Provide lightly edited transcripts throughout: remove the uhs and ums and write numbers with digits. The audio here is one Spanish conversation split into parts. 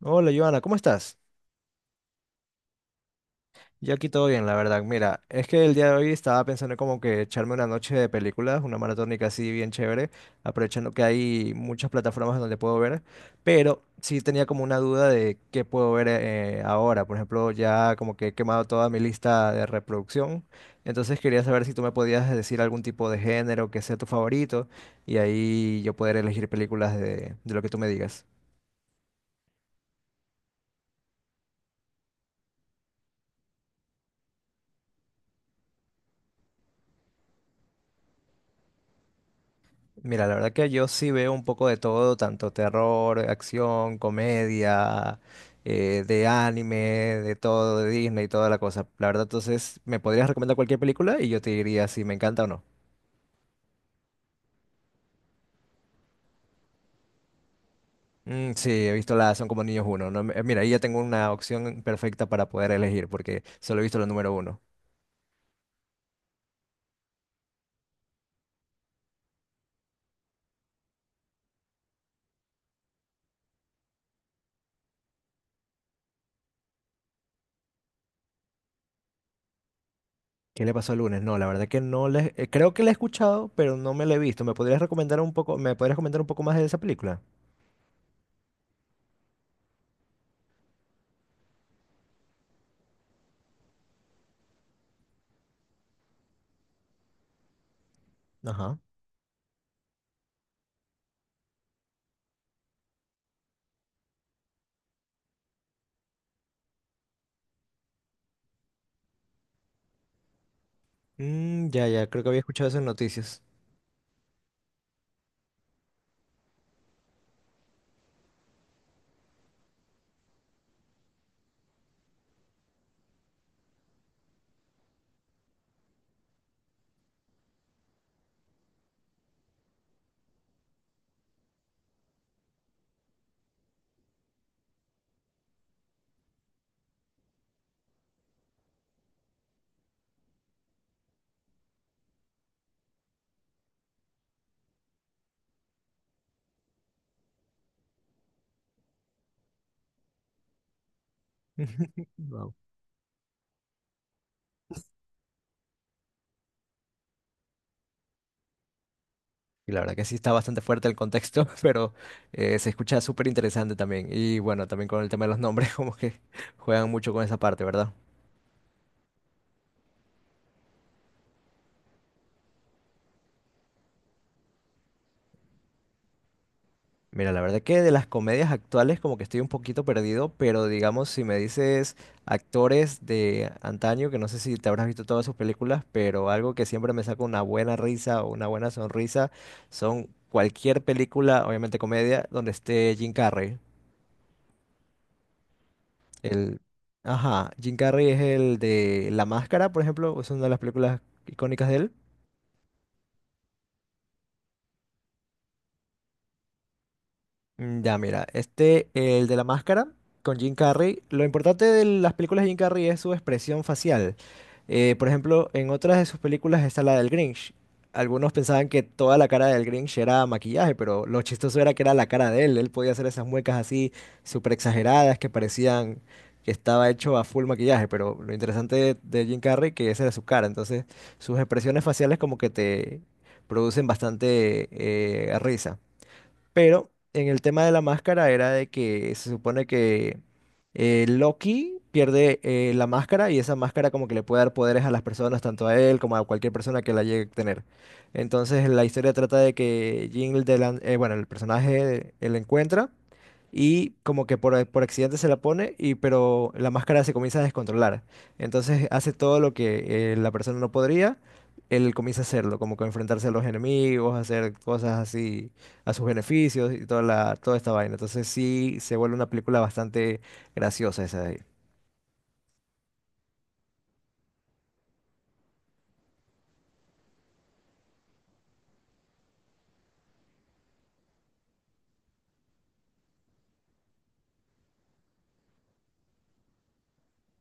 Hola, Joana, ¿cómo estás? Yo aquí todo bien, la verdad. Mira, es que el día de hoy estaba pensando como que echarme una noche de películas, una maratónica así bien chévere, aprovechando que hay muchas plataformas donde puedo ver, pero sí tenía como una duda de qué puedo ver ahora. Por ejemplo, ya como que he quemado toda mi lista de reproducción, entonces quería saber si tú me podías decir algún tipo de género que sea tu favorito y ahí yo poder elegir películas de lo que tú me digas. Mira, la verdad que yo sí veo un poco de todo, tanto terror, acción, comedia, de anime, de todo, de Disney y toda la cosa. La verdad, entonces, ¿me podrías recomendar cualquier película y yo te diría si me encanta o no? Mm, sí, he visto la Son como niños uno. No me- Mira, ahí ya tengo una opción perfecta para poder elegir porque solo he visto la número uno. ¿Qué le pasó el lunes? No, la verdad que no le, creo que la he escuchado, pero no me la he visto. ¿Me podrías recomendar un poco, me podrías comentar un poco más de esa película? Ajá. Mm, ya, ya, creo que había escuchado esas noticias. Wow. Y la verdad que sí está bastante fuerte el contexto, pero se escucha súper interesante también. Y bueno, también con el tema de los nombres, como que juegan mucho con esa parte, ¿verdad? Mira, la verdad que de las comedias actuales como que estoy un poquito perdido, pero digamos si me dices actores de antaño, que no sé si te habrás visto todas sus películas, pero algo que siempre me saca una buena risa o una buena sonrisa son cualquier película, obviamente comedia, donde esté Jim Carrey. El, ajá, Jim Carrey es el de La Máscara, por ejemplo, es una de las películas icónicas de él. Mm, ya, mira, este, el de la máscara con Jim Carrey, lo importante de las películas de Jim Carrey es su expresión facial. Por ejemplo, en otras de sus películas está la del Grinch. Algunos pensaban que toda la cara del Grinch era maquillaje, pero lo chistoso era que era la cara de él. Él podía hacer esas muecas así súper exageradas que parecían que estaba hecho a full maquillaje, pero lo interesante de Jim Carrey que esa era su cara. Entonces, sus expresiones faciales como que te producen bastante risa. Pero en el tema de la máscara era de que se supone que Loki pierde la máscara y esa máscara como que le puede dar poderes a las personas, tanto a él como a cualquier persona que la llegue a tener. Entonces la historia trata de que bueno, el personaje, él encuentra y como que por accidente se la pone y pero la máscara se comienza a descontrolar. Entonces hace todo lo que la persona no podría, él comienza a hacerlo, como que enfrentarse a los enemigos, hacer cosas así a sus beneficios y toda toda esta vaina. Entonces sí se vuelve una película bastante graciosa esa de ahí.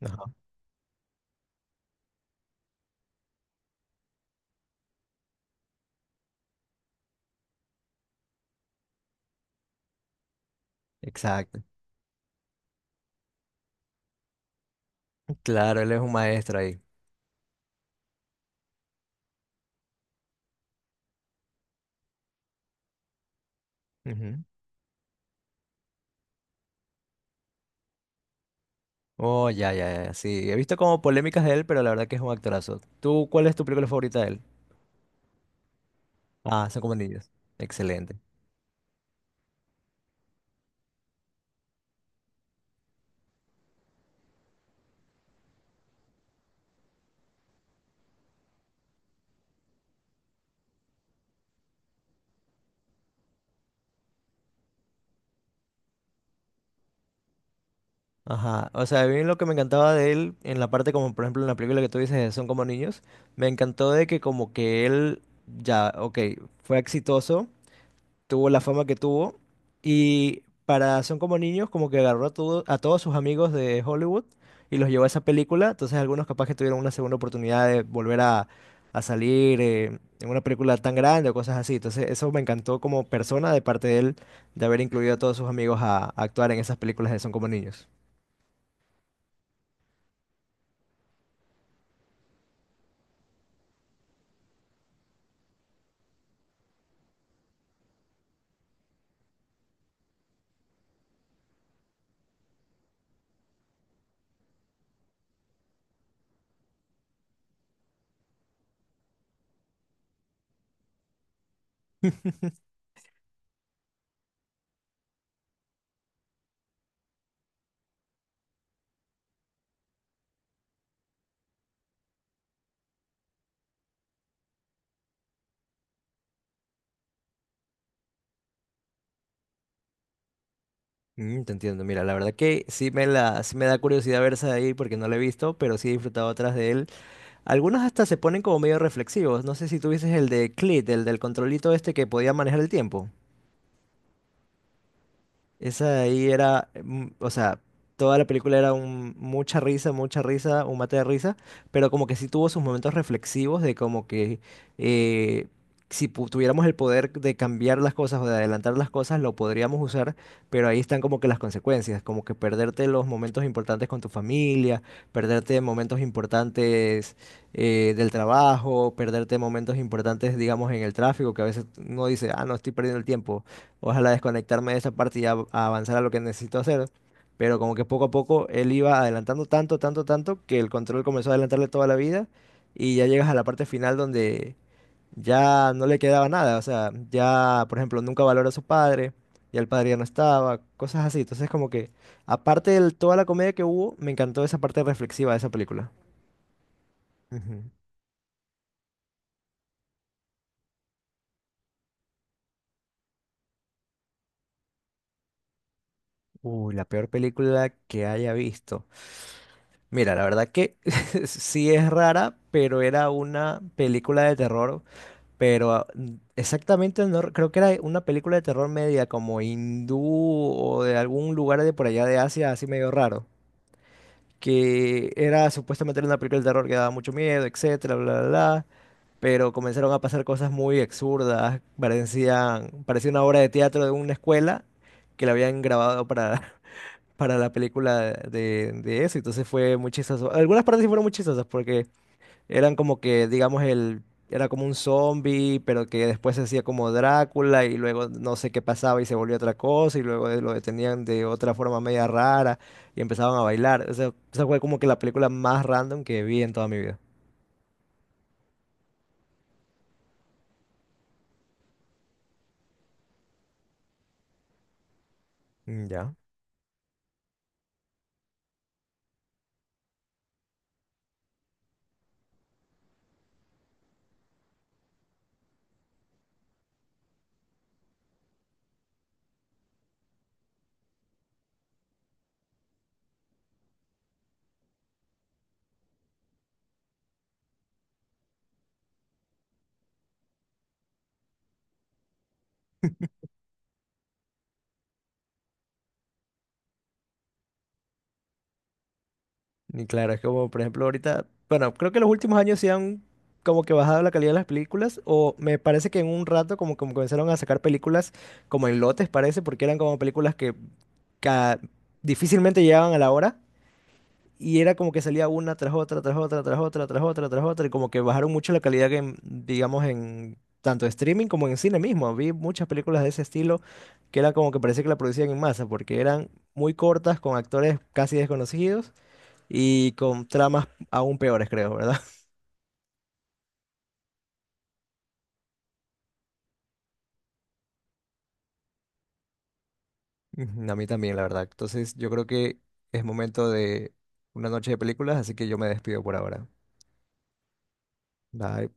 Ajá, exacto. Claro, él es un maestro ahí. Ujú. Oh, ya, ya, ya. Sí, he visto como polémicas de él, pero la verdad que es un actorazo. ¿Tú cuál es tu película favorita de él? Ah, son como niños. Excelente. Ajá. O sea, a mí lo que me encantaba de él, en la parte como, por ejemplo, en la película que tú dices, de son como niños, me encantó de que como que él, ya, ok, fue exitoso tuvo la fama que tuvo. Y para Son como niños, como que a todos sus amigos de Hollywood y los llevó a esa película. Entonces algunos capaz que tuvieron una segunda oportunidad de volver a salir en una película tan grande o cosas así. Entonces eso me encantó como persona de parte de él de haber incluido a todos sus amigos a actuar en esas películas de Son como niños. Mm, te entiendo, mira, la verdad que sí me da curiosidad ver esa de ahí porque no la he visto, pero sí he disfrutado otras de él. Algunos hasta se ponen como medio reflexivos. No sé si tuvieses el de Clit, el del controlito este que podía manejar el tiempo. Esa de ahí era, mm, o sea, toda la película era un, mucha risa, un mate de risa, pero como que sí tuvo sus momentos reflexivos de como que eh, si tuviéramos el poder de cambiar las cosas o de adelantar las cosas, lo podríamos usar, pero ahí están como que las consecuencias, como que perderte los momentos importantes con tu familia, perderte momentos importantes del trabajo, perderte momentos importantes, digamos, en el tráfico, que a veces uno dice, ah, no, estoy perdiendo el tiempo. Ojalá desconectarme de esa parte y avanzar a lo que necesito hacer. Pero como que poco a poco él iba adelantando tanto, tanto, tanto que el control comenzó a adelantarle toda la vida y ya llegas a la parte final donde ya no le quedaba nada. O sea, ya, por ejemplo, nunca valora a su padre, ya el padre ya no estaba, cosas así. Entonces como que, aparte de toda la comedia que hubo, me encantó esa parte reflexiva de esa película. Ujú. La peor película que haya visto. Mira, la verdad que sí es rara, pero era una película de terror, pero ah, n- exactamente no, re- creo que era una película de terror media como hindú o de algún lugar de por allá de Asia, así medio raro, que era supuestamente una película de terror que daba mucho miedo, etcétera, bla, bla, bla, pero comenzaron a pasar cosas muy absurdas, parecía una obra de teatro de una escuela que la habían grabado para para la película de eso. Entonces fue muy chistoso. Algunas partes sí fueron muy chistosas porque eran como que, era como un zombie, pero que después se hacía como Drácula y luego no sé qué pasaba y se volvió otra cosa y luego lo detenían de otra forma media rara y empezaban a bailar. O sea, esa fue como que la película más random que vi en toda mi vida. Mm, ya. Y claro, es como, por ejemplo, ahorita, bueno, creo que los últimos años sí han como que bajado la calidad de las películas, o me parece que en un rato como comenzaron a sacar películas como en lotes, parece, porque eran como películas que ca- difícilmente llegaban a la hora, y era como que salía una tras otra, tras otra, tras otra, tras otra, tras otra, y como que bajaron mucho la calidad que, digamos, en tanto streaming como en cine mismo. Vi muchas películas de ese estilo que era como que parecía que la producían en masa, porque eran muy cortas, con actores casi desconocidos y con tramas aún peores, creo, ¿verdad? Ujú, a mí también, la verdad. Entonces, yo creo que es momento de una noche de películas, así que yo me despido por ahora. Bye.